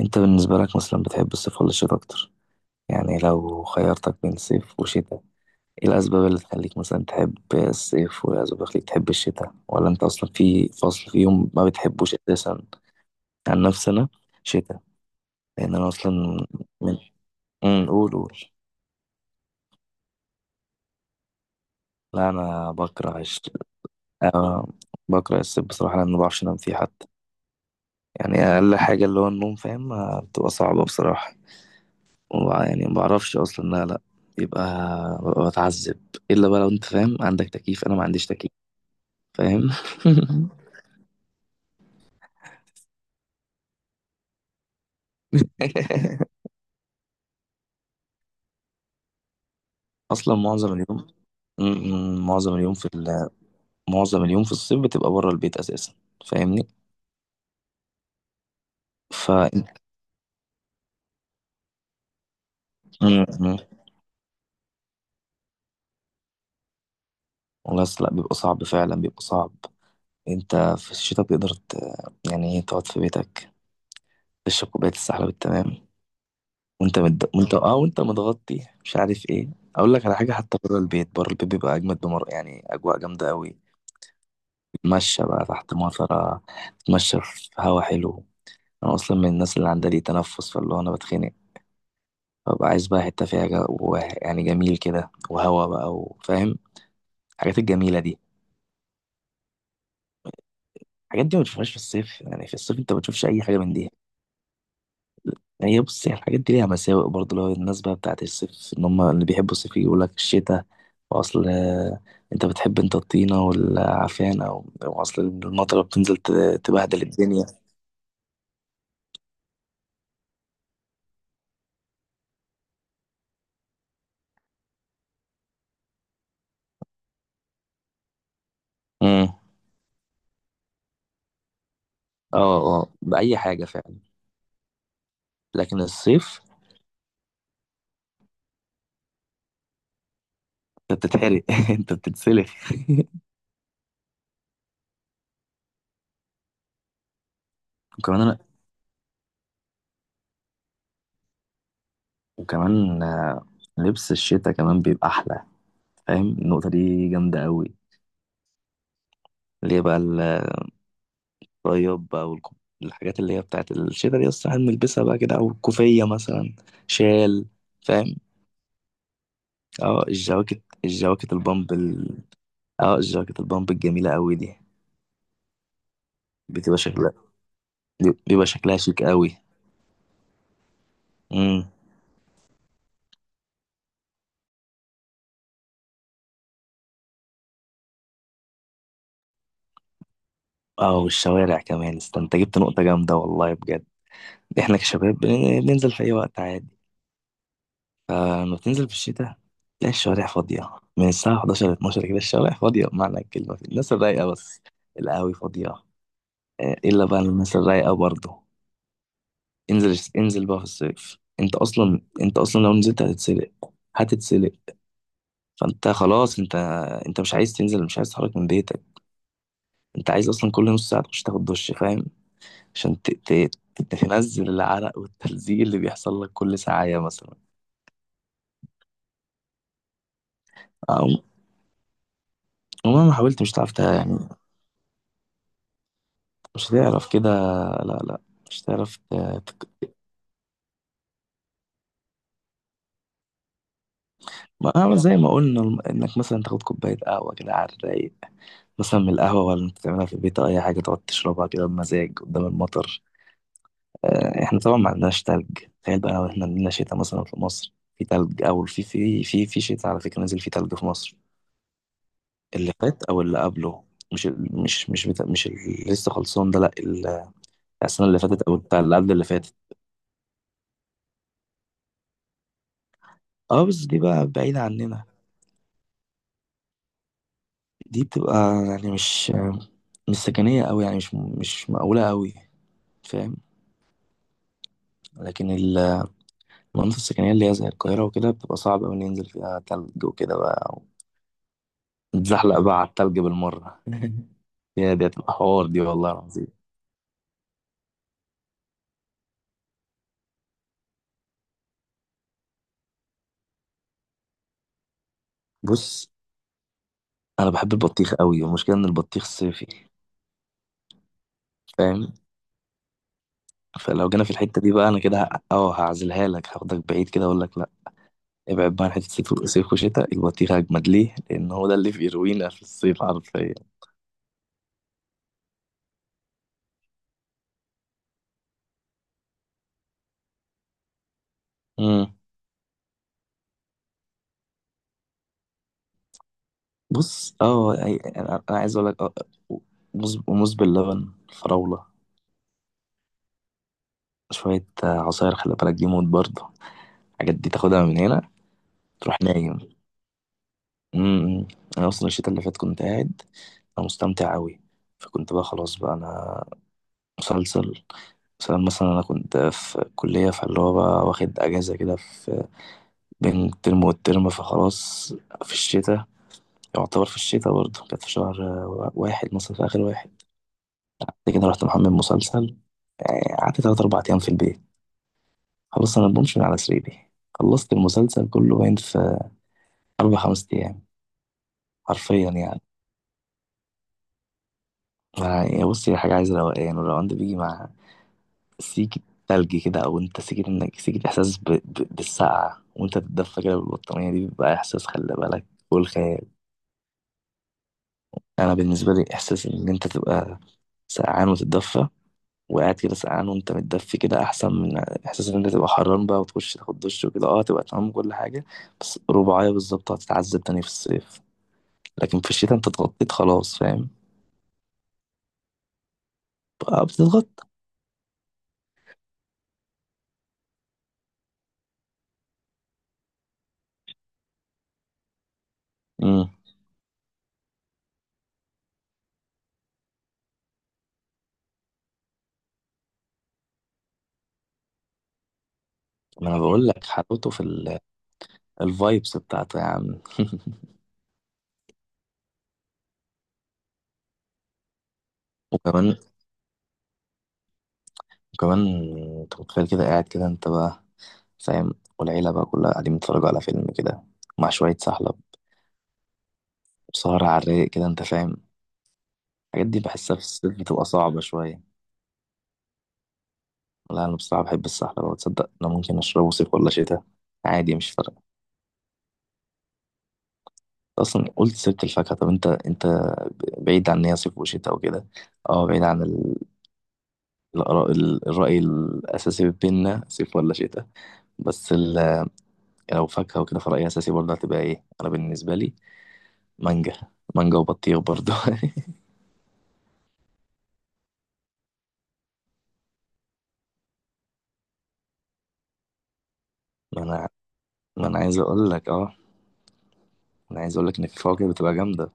انت بالنسبة لك مثلا بتحب الصيف ولا الشتاء اكتر؟ يعني لو خيرتك بين صيف وشتاء، ايه الاسباب اللي تخليك مثلا تحب الصيف وايه الاسباب اللي تخليك تحب الشتاء، ولا انت اصلا في فصل فيهم ما بتحبوش اساسا؟ عن نفسي انا شتاء. لان انا اصلا من، قول قول. لا انا بكره أه، بكره الصيف بصراحة لان ما بعرفش انام فيه حتى. يعني اقل حاجة اللي هو النوم، فاهم؟ بتبقى صعبة بصراحة. يعني ما بعرفش اصلا، لا، لا. يبقى ببقى بتعذب، الا بقى لو انت فاهم عندك تكييف، انا ما عنديش تكييف، فاهم؟ اصلا معظم اليوم، م- معظم اليوم معظم اليوم في الصيف بتبقى بره البيت اساسا، فاهمني؟ ف بس لا، بيبقى صعب فعلا، بيبقى صعب. انت في الشتاء بتقدر يعني ايه، تقعد في بيتك، تشرب كوبايه السحلب التمام، وانت مد... وانت اه اه وانت متغطي، مش عارف ايه. اقول لك على حاجه، حتى بره البيت، بره البيت بيبقى اجمد بمر يعني، اجواء جامده قوي. تتمشى بقى تحت مطره، تتمشى في هوا حلو. انا اصلا من الناس اللي عندها لي تنفس، فاللي هو انا بتخنق، ببقى عايز بقى حته فيها يعني جميل كده وهوا بقى، وفاهم الحاجات الجميله دي. الحاجات دي ما بتشوفهاش في الصيف، يعني في الصيف انت ما بتشوفش اي حاجه من دي. يعني هي، بص، هي الحاجات دي ليها مساوئ برضه، اللي هو الناس بقى بتاعت الصيف، ان هم اللي بيحبوا الصيف يقول لك الشتاء، واصل، انت بتحب، انت الطينة والعفان، أو اصل المطره بتنزل تبهدل الدنيا. امم اه، اه، بأي حاجة فعلا. لكن الصيف، انت بتتحرق انت بتتسلخ. وكمان انا وكمان آه، لبس الشتاء كمان بيبقى احلى، فاهم؟ النقطة دي جامدة قوي. ليه بقى؟ طيب بقى، الحاجات اللي هي بتاعت الشتا دي بس هنلبسها بقى كده، او الكوفية مثلا، شال، فاهم؟ اه، الجواكت البامب، اه، الجواكت البامب الجميلة قوي دي، بتبقى شكلها، بيبقى شكلها شيك قوي. امم اه، والشوارع كمان، انت جبت نقطة جامدة والله بجد. احنا كشباب بننزل في اي وقت عادي. فلما بتنزل في الشتاء تلاقي الشوارع فاضية، من الساعة 11 ل 12 كده الشوارع فاضية بمعنى الكلمة، الناس الرايقة بس، القهاوي فاضية. الا بقى الناس الرايقه برضه. انزل انزل بقى في الصيف، انت اصلا لو نزلت هتتسلق، هتتسلق. فانت خلاص، انت انت مش عايز تنزل، مش عايز تتحرك من بيتك، انت عايز اصلا كل نص ساعه تخش تاخد دش، فاهم؟ عشان تنزل العرق والتلزيق اللي بيحصل لك كل ساعه مثلا. أو... ومهما حاولت مش هتعرف يعني، مش هتعرف كده، لا، لا، مش هتعرف تك- ما أنا زي ما قلنا، انك مثلا تاخد كوبايه قهوه كده على الرايق، مثلا من القهوة، ولا انت تعملها في البيت، أو أي حاجة تقعد تشربها كده بمزاج قدام المطر. احنا طبعا ما عندناش تلج. تخيل بقى لو احنا عندنا شتاء مثلا في مصر في تلج، أو في شتاء، على فكرة نزل فيه تلج في مصر، اللي فات أو اللي قبله. مش ال- مش مش بتا... مش اللي لسه خلصان ده، لا، السنة اللي فاتت أو بتاع اللي قبل اللي فاتت. اه، بس دي بقى بعيدة عننا، دي بتبقى يعني مش، مش سكنية أوي، يعني مش مقاولة أوي، فاهم؟ لكن المناطق السكنية اللي هي زي القاهرة وكده بتبقى صعب أوي ننزل فيها تلج وكده بقى. نتزحلق بقى على التلج بالمرة. يا دي هتبقى حوار دي والله العظيم. بص، أنا بحب البطيخ أوي والمشكلة إن البطيخ صيفي، فاهم؟ فلو جينا في الحتة دي بقى، أنا كده ه- أه هعزلها لك، هاخدك بعيد كده، أقول لك لأ. ابعد بقى عن حتة صيف، صيف وشتاء، البطيخ أجمد ليه؟ لأن هو ده اللي في، يروينا في الصيف حرفيا. مم. بص، أه أي- أنا أنا عايز أقول لك، موز باللبن، فراولة، شوية عصاير، خلي بالك دي موت برضه، الحاجات دي تاخدها من هنا تروح نايم. امم انا اصلا الشتاء اللي فات كنت قاعد، انا مستمتع قوي. فكنت بقى خلاص بقى انا، مسلسل، مثلا انا كنت في كلية، فاللي هو بقى واخد اجازة كده في بين الترم والترم، فخلاص، في الشتاء، يعتبر في الشتاء برضه كانت في شهر واحد مثلا، في اخر واحد. بعد كده رحت محمل مسلسل، يعني قعدت تلات اربع ايام في البيت، خلاص انا بمشي من على سريري، خلصت المسلسل كله باين في أربع خمس أيام، حرفيا يعني. يعني بص، هي حاجة عايزة روقان، والروقان ده بيجي مع سيكة تلج كده، أو أنت سيكة، إنك سيكة إحساس بالسقعة وأنت تتدفى كده بالبطانية، دي بيبقى إحساس، خلي بالك، والخيال. أنا بالنسبة لي إحساس إن أنت تبقى سقعان وتتدفى، وقاعد كده سقعان وأنت متدفي كده، أحسن من إحساس إن أنت تبقى حران بقى وتخش تاخد دش وكده، أه تبقى تمام كل حاجة، بس رباعية بالظبط هتتعذب تاني في الصيف. لكن في الشتاء أنت اتغطيت خلاص، فاهم؟ بقى بتتغطى. مم. ما انا بقول لك حلاوته في الفايبس بتاعته يا عم. وكمان وكمان انت متخيل كده قاعد كده، انت بقى، فاهم؟ والعيلة بقى كلها قاعدين بيتفرجوا على فيلم كده، مع شوية سحلب، وسهرة على الرايق كده، انت فاهم. الحاجات دي بحسها في الصيف بتبقى صعبة شوية. لا، انا بصراحة بحب السحلب، وتصدق انا ممكن اشربه صيف ولا شتاء عادي، مش فارقة. اصلا قلت سيرة الفاكهة، طب انت بعيد عن ان هي صيف وشتاء وكده، اه، بعيد عن الآراء- الرأي الأساسي بينا صيف ولا شتاء، بس، يعني لو فاكهة وكده، فرأيي أساسي برضه هتبقى إيه؟ أنا بالنسبة لي، مانجا، مانجا وبطيخ برضه. ما أنا ما أنا عايز أقول لك، أنا عايز أقول لك إن في فواكه بتبقى جامدة.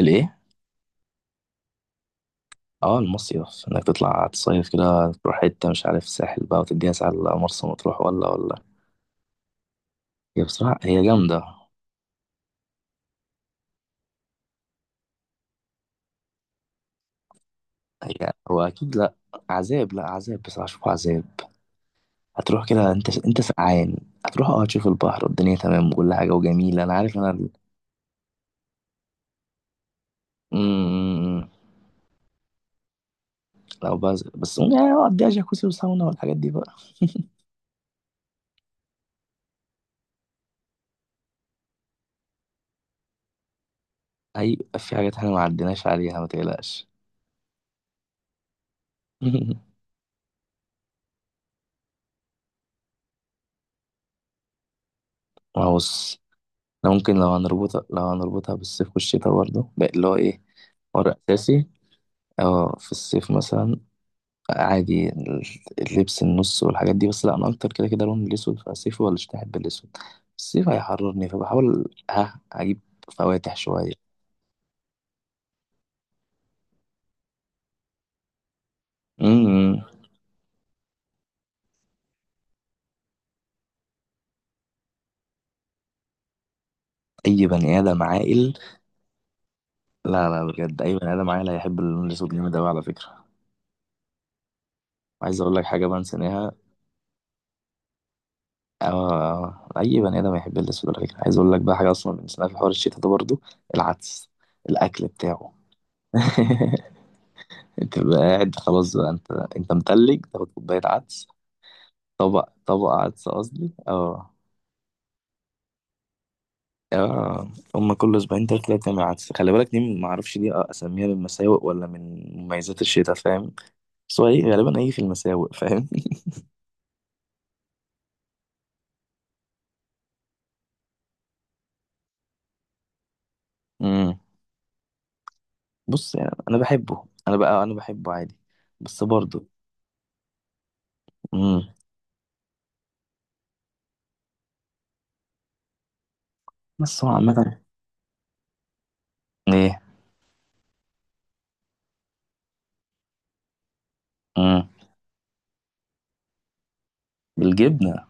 الإيه؟ أه، المصيف، إنك تطلع تصيف كده، تروح حتة مش عارف ساحل بقى، وتديها ساعة على مرسى مطروح ولا هي بصراحة هي جامدة. هو أكيد، لأ عذاب، لأ عذاب بصراحة، أشوفه عذاب. هتروح كده، أنت سقعان، هتروح تشوف البحر والدنيا تمام وكل حاجة وجميلة، أنا عارف. أنا أمم، أمم، أمم. لو بس يعني اقضيها جاكوزي وساونا والحاجات دي بقى. هيبقى في حاجات احنا ما عديناش عليها، ما تقلقش. ما هو بص، إحنا ممكن، لو هنربطها بالصيف والشتاء برضه بقى، اللي هو ايه، ورق اساسي. اه، في الصيف مثلا عادي، اللبس النص والحاجات دي، بس لا انا اكتر كده كده لون الاسود. فالصيف ولا الشتاء احب الاسود؟ الصيف هيحررني فبحاول اجيب فواتح شويه. امم اي بني ادم عاقل. لا، لا، بجد اي بني ادم عاقل هيحب اللون الاسود جامد اوي على فكره. عايز اقول لك حاجه بنسيناها. آه، اي بني ادم يحب الاسود على فكره. عايز اقول لك بقى حاجه اصلا بنسيناها في حوار الشتاء ده برضو، العدس، الاكل بتاعه. انت بقى قاعد خلاص بقى انت، انت متلج تاخد كوبايه عدس، طبق عدس قصدي، اه. اه، هما كل اسبوعين تلاتة كده بتعمل عدس، خلي بالك دي، ما اعرفش دي اسميها من مساوئ ولا من مميزات الشتاء، فاهم؟ بس هو ايه غالبا؟ ايه في المساوئ، فاهم؟ امم بص يعني انا بحبه عادي، بس برضه، بس هو عامة، ايه، امم بالجبنه.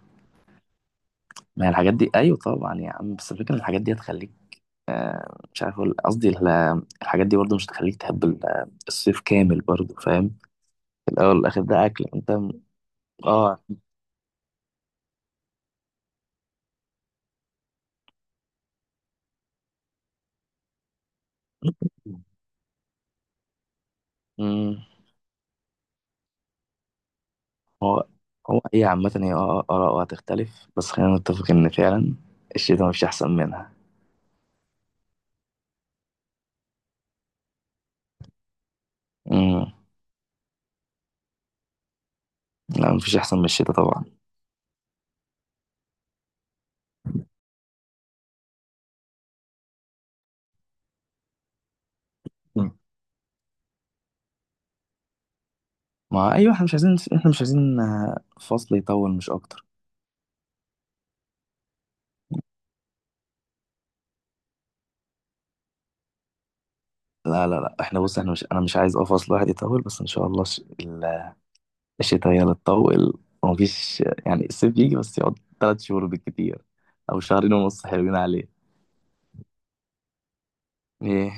ما هي الحاجات دي ايوه طبعا يا عم، بس الفكره إن الحاجات دي هتخليك، مش عارف اقول قصدي، الحاجات دي برضو مش هتخليك تحب الصيف كامل برضو، فاهم؟ في الاول والاخر ده اكل، انت اه. امم هو هو ايه عامه، هي اراء وهتختلف، بس خلينا نتفق ان فعلا الشتاء مفيش احسن منها. امم لا، مفيش احسن من الشتاء طبعا. مم. ما ايوه، احنا مش عايزين فصل يطول، مش اكتر. لا، لا، لا، احنا بص، احنا مش انا مش عايز اقف، اصل الواحد يطول، بس ان شاء الله الشتاء هي اللي تطول، ومفيش يعني الصيف يجي بس يقعد 3 شهور بالكتير، او شهرين ونص حلوين عليه. ايه؟